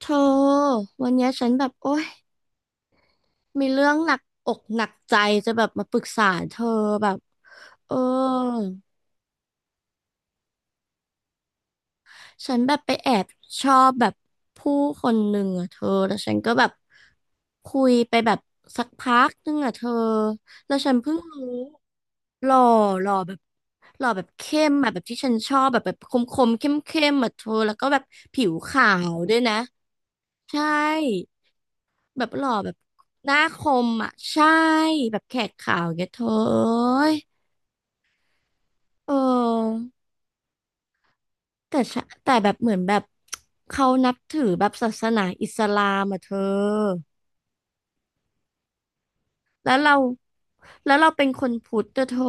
เธอวันเนี้ยฉันแบบโอ๊ยมีเรื่องหนักอกหนักใจจะแบบมาปรึกษาเธอแบบเออฉันแบบไปแอบชอบแบบผู้คนหนึ่งอะเธอแล้วฉันก็แบบคุยไปแบบสักพักหนึงอะเธอแล้วฉันเพิ่งรู้หล่อหล่อแบบหล่อแบบเข้มอะแบบที่ฉันชอบแบบแบบคมคมเข้มเข้มๆอะเธอแล้วก็แบบผิวขาวด้วยนะใช่ แบบหล่อแบบหน้าคมอ่ะใช่แบบแขกขาวอย่างเงี้ยเธอเอ้ยเออแต่แบบเหมือนแบบเขานับถือแบบศาสนาอิสลามอ่ะเธอ แล้วเราแล้วเราเป็นคนพุทธอะเธอ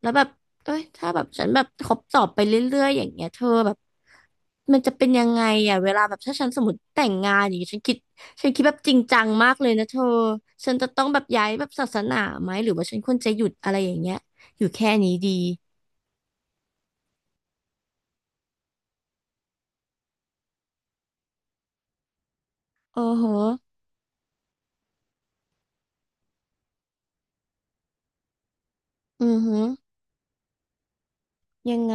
แล้วแบบเอ้ยถ้าแบบฉันแบบคบตอบไปเรื่อยๆอย่างเงี้ยเธอแบบมันจะเป็นยังไงอ่ะเวลาแบบถ้าฉันสมมติแต่งงานอย่างเงี้ยฉันคิดแบบจริงจังมากเลยนะเธอฉันจะต้องแบบย้ายแบบศาสนาไหมหรือว่าฉันควรจะหยุดอะไรอย่างเงี้ยอยู่แค่นี้ดีโอ้โหออือหือยังไง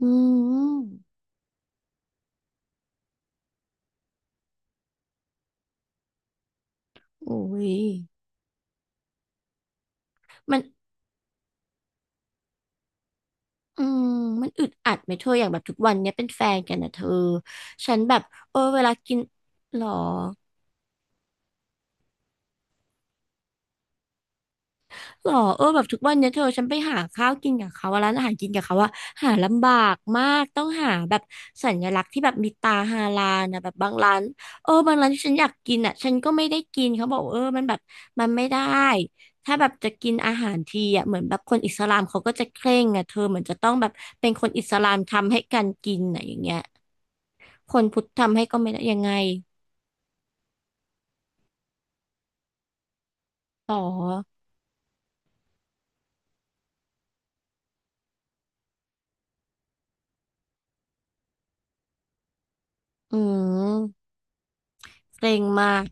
อืมโอ้ยมัน อืมมันอึดอัดไหมเธออย่างแบบทุกวันเนี้ยเป็นแฟนกันนะเธอฉันแบบเออเวลากินหรอหรอเออแบบทุกวันเนี้ยเธอฉันไปหาข้าวกินกับเขาอะร้านอาหารกินกับเขาว่าหาลำบากมากต้องหาแบบสัญลักษณ์ที่แบบมีตาฮาลาลนะแบบบางร้านเออบางร้านที่ฉันอยากกินอ่ะฉันก็ไม่ได้กินเขาบอกเออมันแบบมันไม่ได้ถ้าแบบจะกินอาหารทีอ่ะเหมือนแบบคนอิสลามเขาก็จะเคร่งอ่ะเธอเหมือนจะต้องแบบเป็นคนอิสลามทำให้กันกินอ่ะอย่างเงี้ย คนพุทธทำให้ก็ไม่ได้ยังไงต่ออืมเกรงมาก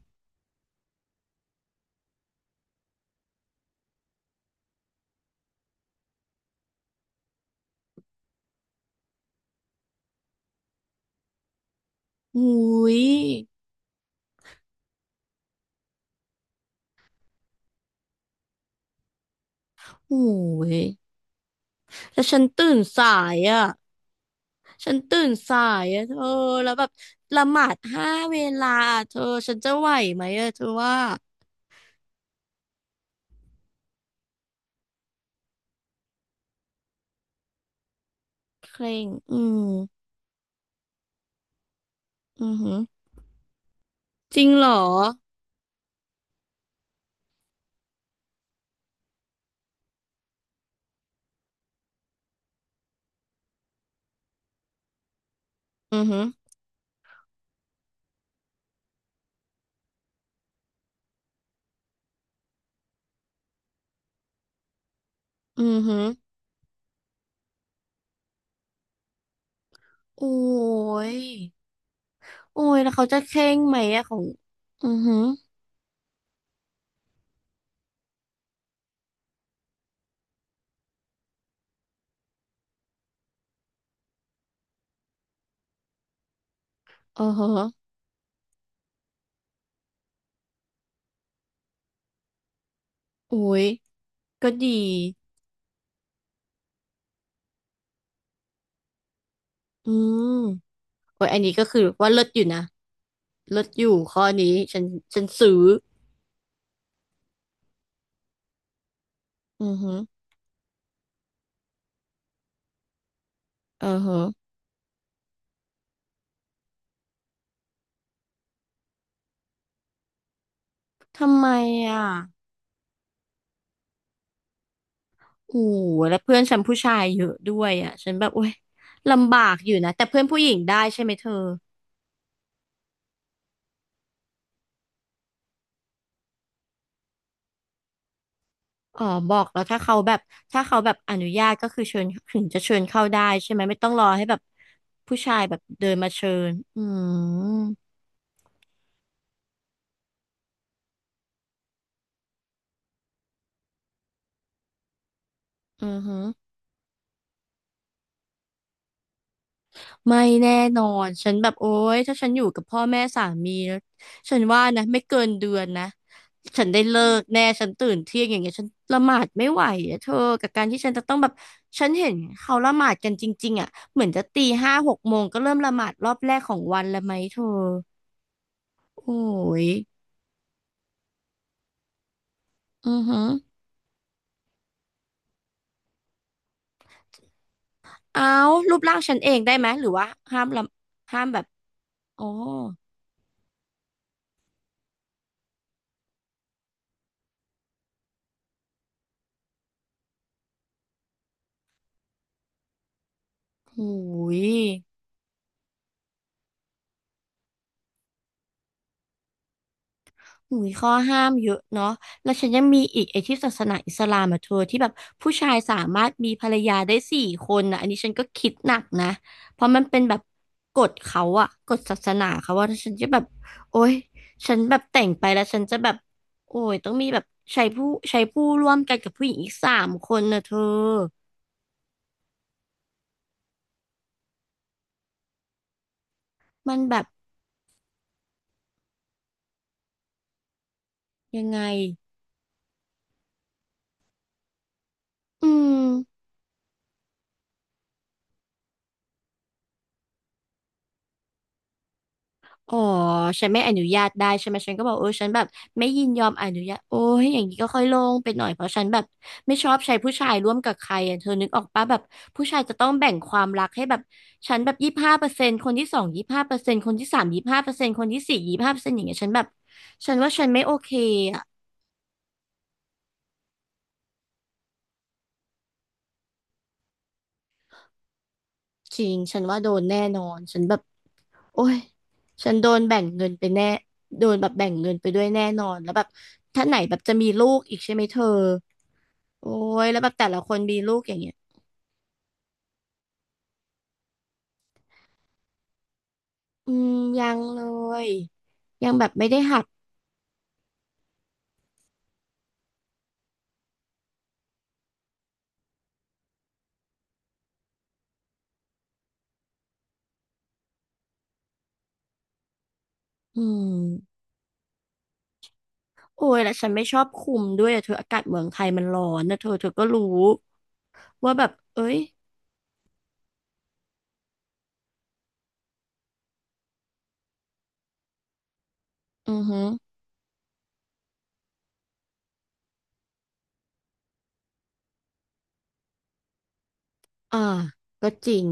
อุยโอ้ยแล้วฉันตื่นสายอ่ะฉันตื่นสายอ่ะเธอแล้วแบบละหมาดห้าเวลาเธอฉันจะไหวไหมอ่ะเธอว่าเคร่งอืมอือหือจริงเหรออือหืออือหือโอ้ยโอ้ยแล้วเขาจะเคร่งไหมอะของอือหืออ๋อฮะโอ้ยก็ดี อืม โอ้ยอันนี้ก็คือว่าเลิศอยู่นะเลิศอยู่ข้อนี้ฉันฉันซื้ออือฮึเออฮึทำไมอ่ะโอ้โหแล้วเพื่อนฉันผู้ชายเยอะด้วยอ่ะฉันแบบโอ้ยลำบากอยู่นะแต่เพื่อนผู้หญิงได้ใช่ไหมเธออ๋อบอกแล้วถ้าเขาแบบอนุญาตก็คือเชิญถึงจะเชิญเข้าได้ใช่ไหมไม่ต้องรอให้แบบผู้ชายแบบเดินมาเชิญอืมอือฮึ ไม่แน่นอน ฉันแบบโอ๊ยถ้าฉันอยู่กับพ่อแม่สามีนะฉันว่านะไม่เกินเดือนนะ ฉันได้เลิกแน่ฉันตื่นเที่ยงอย่างเงี้ยฉันละหมาดไม่ไหวอะเธอกับการที่ฉันจะต้องแบบฉันเห็นเขาละหมาดกันจริงๆอ่ะเหมือนจะตีห้าหกโมงก็เริ่มละหมาดรอบแรกของวันแล้วไหมเธอโอ้ยอือหือเอารูปร่างฉันเองได้ไหมหรือว่าห้ามละห้ามแบบอ๋อโอ้ย หุยข้อห้ามเยอะเนาะแล้วฉันยังมีอีกไอ้ที่ศาสนาอิสลามอะเธอที่แบบผู้ชายสามารถมีภรรยาได้สี่คนนะอันนี้ฉันก็คิดหนักนะเพราะมันเป็นแบบกฎเขาอะกฎศาสนาเขาว่าฉันจะแบบโอ๊ยฉันแบบแต่งไปแล้วฉันจะแบบโอ้ยต้องมีแบบใช้ผู้ใช้ผู้ร่วมกันกับผู้หญิงอีกสามคนนะเธอมันแบบยังไงอืม อ๋อฉันไม่อนุญาตได้ใช่ไหมฉันก็บอกเออฉันแบบไม่ยินยอมอนุญาตโอ้ยอย่างนี้ก็ค่อยลงไปหน่อยเพราะฉันแบบไม่ชอบใช้ผู้ชายร่วมกับใครอ่ะเธอนึกออกปะแบบผู้ชายจะต้องแบ่งความรักให้แบบฉันแบบยี่สิบห้าเปอร์เซ็นต์คนที่สองยี่สิบห้าเปอร์เซ็นต์คนที่สามยี่สิบห้าเปอร์เซ็นต์คนที่สี่ยี่สิบห้าเปอร์เซ็นต์อย่างเงี้ยฉันแบบฉันว่าฉันไม่โอเคอ่ะจริง ฉันว่าโดนแน่นอนฉันแบบโอ้ยฉันโดนแบ่งเงินไปแน่โดนแบบแบ่งเงินไปด้วยแน่นอนแล้วแบบถ้าไหนแบบจะมีลูกอีกใช่ไหมเธอ โอ้ยแล้วแบบแต่ละคนมีลูกอย่างเงี้ยอืมยังเลยยังแบบไม่ได้หัดอืมโอ้ยแล้วฉันไม่ชอบคุมด้วยอะเธออากาศเมืองไทยมันร้อนนะเธอเธอก็รู้ว่าแบบเอ้ยอือฮึ อ่าก็จริง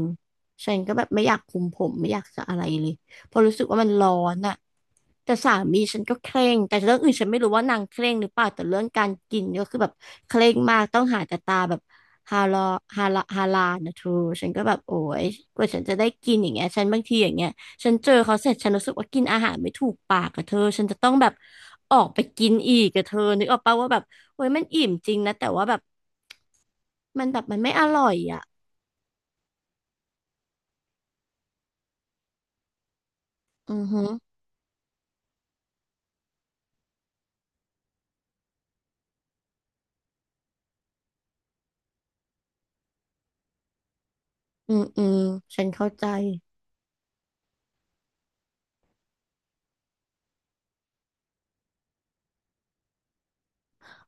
ฉันก็แบบไม่อยากคุมผมไม่อยากจะอะไรเลยเพราะรู้สึกว่ามันร้อนอะแต่สามีฉันก็เคร่งแต่เรื่องอื่นฉันไม่รู้ว่านางเคร่งหรือเปล่าแต่เรื่องการกินก็คือแบบเคร่งมากต้องหาแต่ตาแบบฮาลอฮาลาลนะเธอฉันก็แบบโอ้ยกว่าฉันจะได้กินอย่างเงี้ยฉันบางทีอย่างเงี้ยฉันเจอเขาเสร็จฉันรู้สึกว่ากินอาหารไม่ถูกปากกับเธอฉันจะต้องแบบออกไปกินอีกกับเธอนึกออกปะว่าแบบโอ้ยมันอิ่มจริงนะแต่ว่าแบบมันแบบมันไม่อร่อยอ่ะ อือฮึอืมอืมฉันเข้าใจ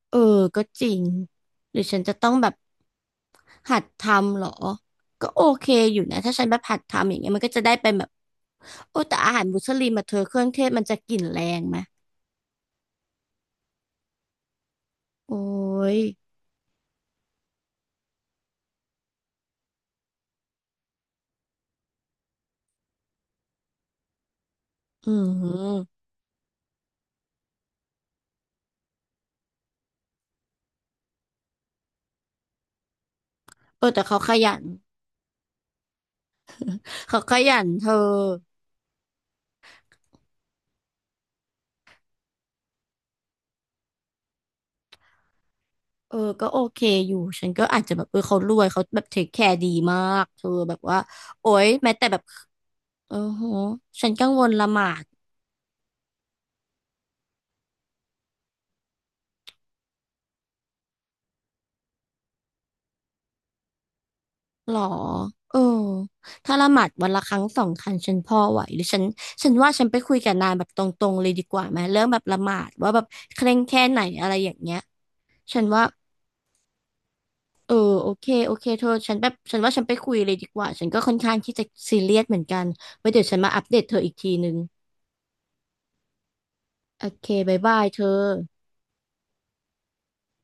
เออก็จริงหรือฉันจะต้องแบบหัดทำเหรอก็โอเคอยู่นะถ้าฉันแบบหัดทำอย่างเงี้ยมันก็จะได้เป็นแบบโอ้แต่อาหารมุสลิมมาเธอเครื่องเทศมันจะกลิ่นแรงไหมโอ้ยอืมเออแต่เขาขยัน เขาขยันเธอเออก็โอเคอยู่ฉันก็อาจจะแบบเออเขารวยเขาแบบเทคแคร์ดีมากเธอแบบว่าโอ้ยแม้แต่แบบเออโหฉันกังวลละหมาด หรอเออถ้าละหมาดวันละครั้งสองครั้งฉันพอไหวหรือฉันฉันว่าฉันไปคุยกับนายแบบตรงๆเลยดีกว่าไหมเรื่องแบบละหมาดว่าแบบเคร่งแค่ไหนอะไรอย่างเงี้ยฉันว่าเออโอเคโอเคเธอฉันแบบฉันว่าฉันไปคุยเลยดีกว่าฉันก็ค่อนข้างที่จะซีเรียสเหมือนกันไว้เดี๋ยวฉันมาอัปเดตเธออีกทีนึงโอเคบ๊ายบายเธอ